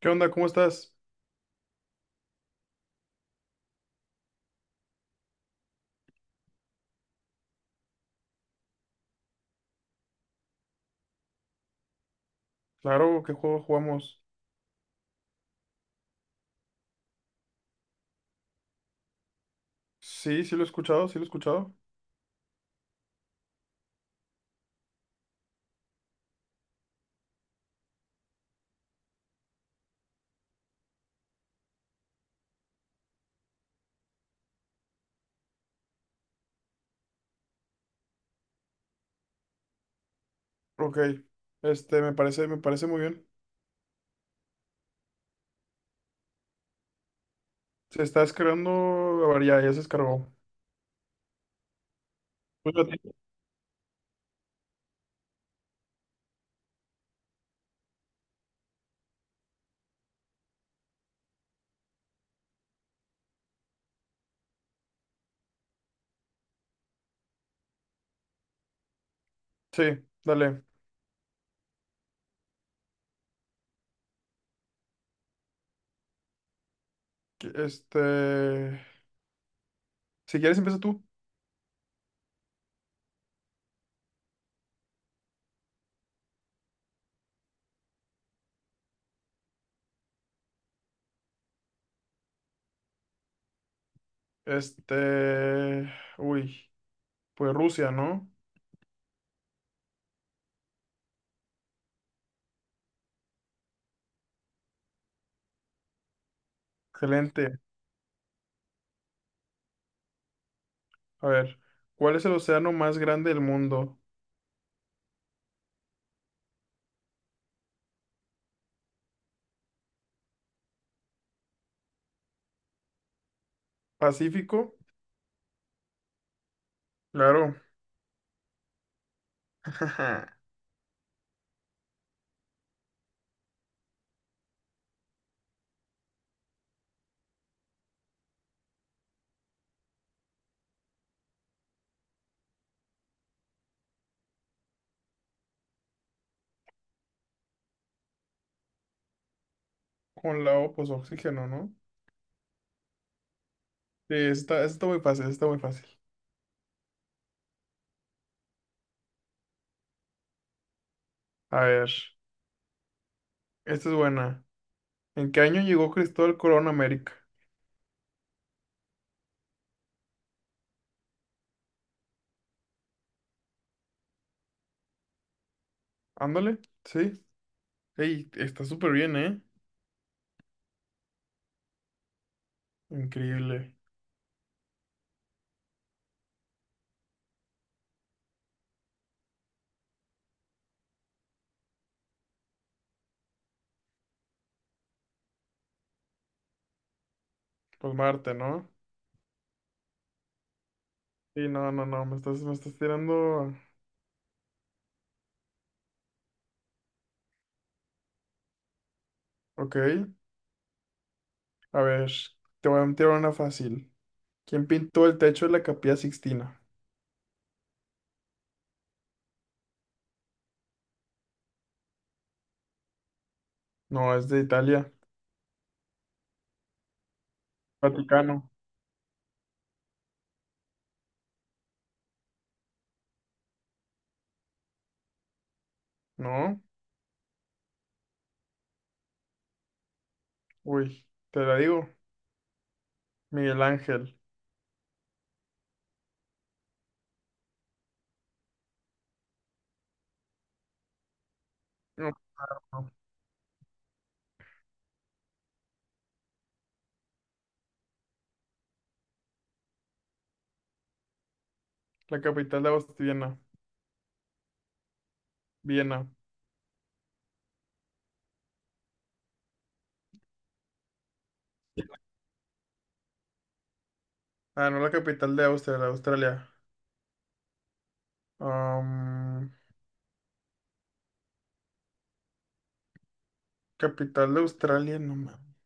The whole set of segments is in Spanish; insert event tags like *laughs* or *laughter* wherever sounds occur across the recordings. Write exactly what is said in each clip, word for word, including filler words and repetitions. ¿Qué onda? ¿Cómo estás? Claro, ¿qué juego jugamos? Sí, sí lo he escuchado, sí lo he escuchado. Ok, este, me parece, me parece muy bien. Se está descargando, a ver, ya, ya se descargó. Pues ya te- Sí, dale. Que- Este, si quieres empieza tú. Este, uy, pues Rusia, ¿no? Excelente. A ver, ¿cuál es el océano más grande del mundo? ¿Pacífico? Claro. *laughs* Con la O, pues oxígeno, ¿no? Sí, está, está muy fácil, está muy fácil. A ver. Esta es buena. ¿En qué año llegó Cristóbal Colón a América? Ándale, sí. Ey, está súper bien, ¿eh? Increíble. Pues Marte, ¿no? Sí, no, no, no, me estás, me estás tirando. Ok, a ver, te voy a tirar una fácil. ¿Quién pintó el techo de la Capilla Sixtina? No, es de Italia. Vaticano. ¿No? Uy, te la digo. Miguel Ángel. No, no. La capital de Austria, Viena. Viena. Ah, no, la capital de Austria, la de Australia. Capital de Australia, no mames.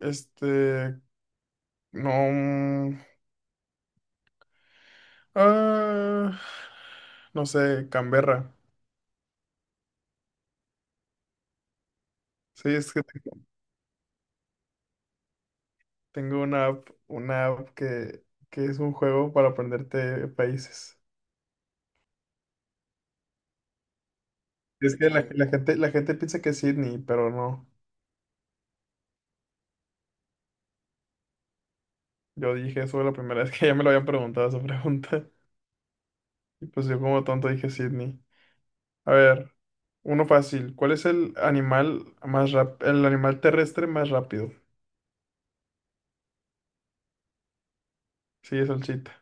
Este, no. mm, Ah, no sé, Canberra. Sí, es que te- Tengo una app, una app que, que es un juego para aprenderte países. Es que la, la gente, la gente piensa que es Sydney, pero no. Yo dije eso la primera vez *laughs* que ya me lo habían preguntado esa pregunta. Y pues yo como tonto dije Sydney. A ver, uno fácil. ¿Cuál es el animal más rap- ¿El animal terrestre más rápido? Sí, es el chita.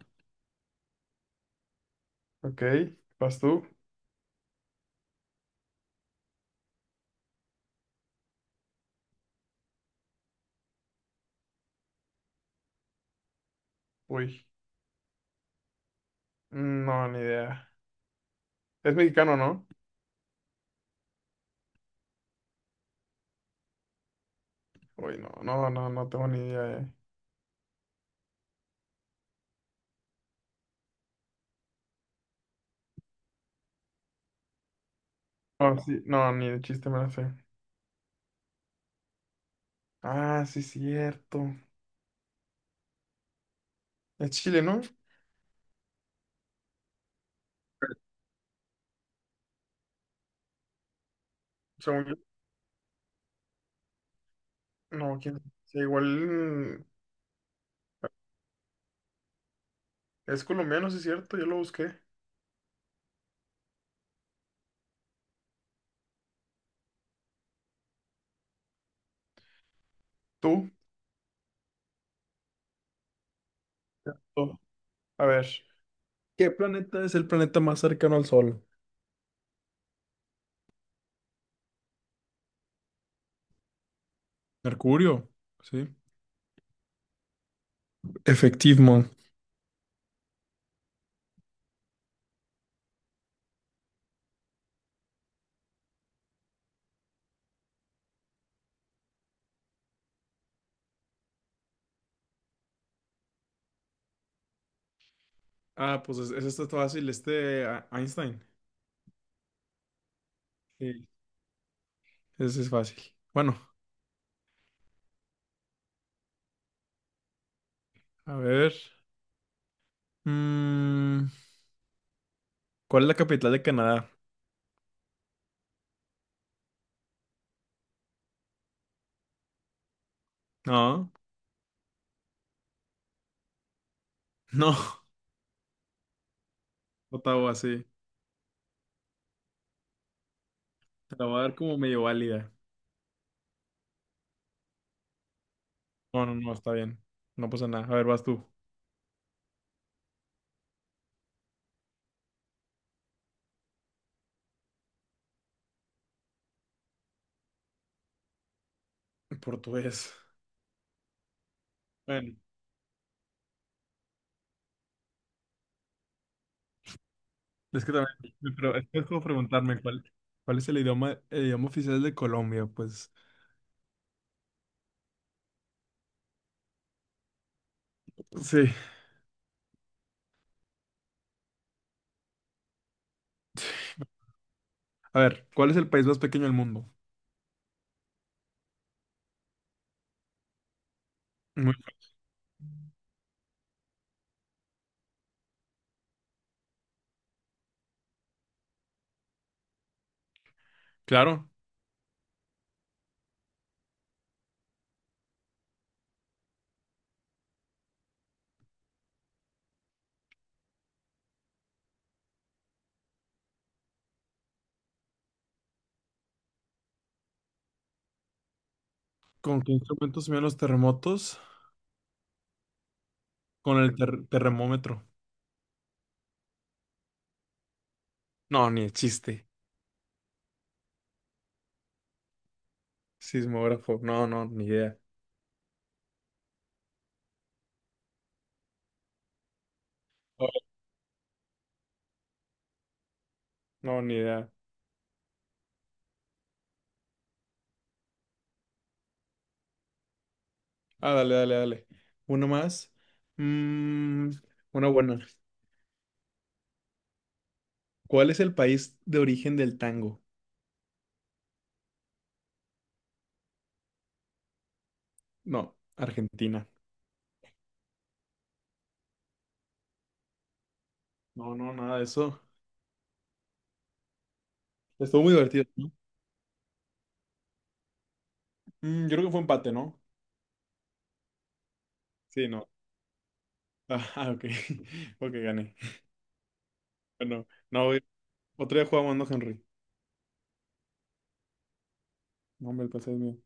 Ok, ¿vas tú? Uy, no, ni idea. Es mexicano, ¿no? Uy, no, no, no, no tengo ni idea. Eh. No, sí, no, ni de chiste me la sé. Ah, sí, cierto. Es Chile, ¿no? Según yo. No, quién. Sí, igual mm, es colombiano, sí, cierto. Yo lo busqué. ¿Tú? Tú. A ver. ¿Qué planeta es el planeta más cercano al Sol? Mercurio, sí. Efectivo. Ah, pues es, es esto fácil, este a- Einstein. Sí. Ese es fácil. Bueno, a ver. Mm, ¿Cuál es la capital de Canadá? No, no, *laughs* Ottawa, sí. Te la voy a dar como medio válida. No, no, no, está bien. No pasa nada. A ver, vas tú. Portugués. Bueno, es que también, me pre- es que es como preguntarme cuál, cuál es el idioma, el idioma oficial de Colombia, pues. Sí. A ver, ¿cuál es el país más pequeño del mundo? Muy- claro. ¿Con qué instrumento se miden los terremotos? Con el ter- termómetro. No, ni de chiste. Sismógrafo. No, no, ni idea. Oh, no, ni idea. Ah, dale, dale, dale. Uno más. Mm, una buena. ¿Cuál es el país de origen del tango? No, Argentina. No, no, nada de eso. Estuvo muy divertido, ¿no? Mm, yo creo que fue empate, ¿no? Sí, no. Ah, *laughs* ok. *laughs* Ok, gané. Bueno, no, güey. Otro día jugamos, ¿no, Henry? No, hombre, el placer es mío.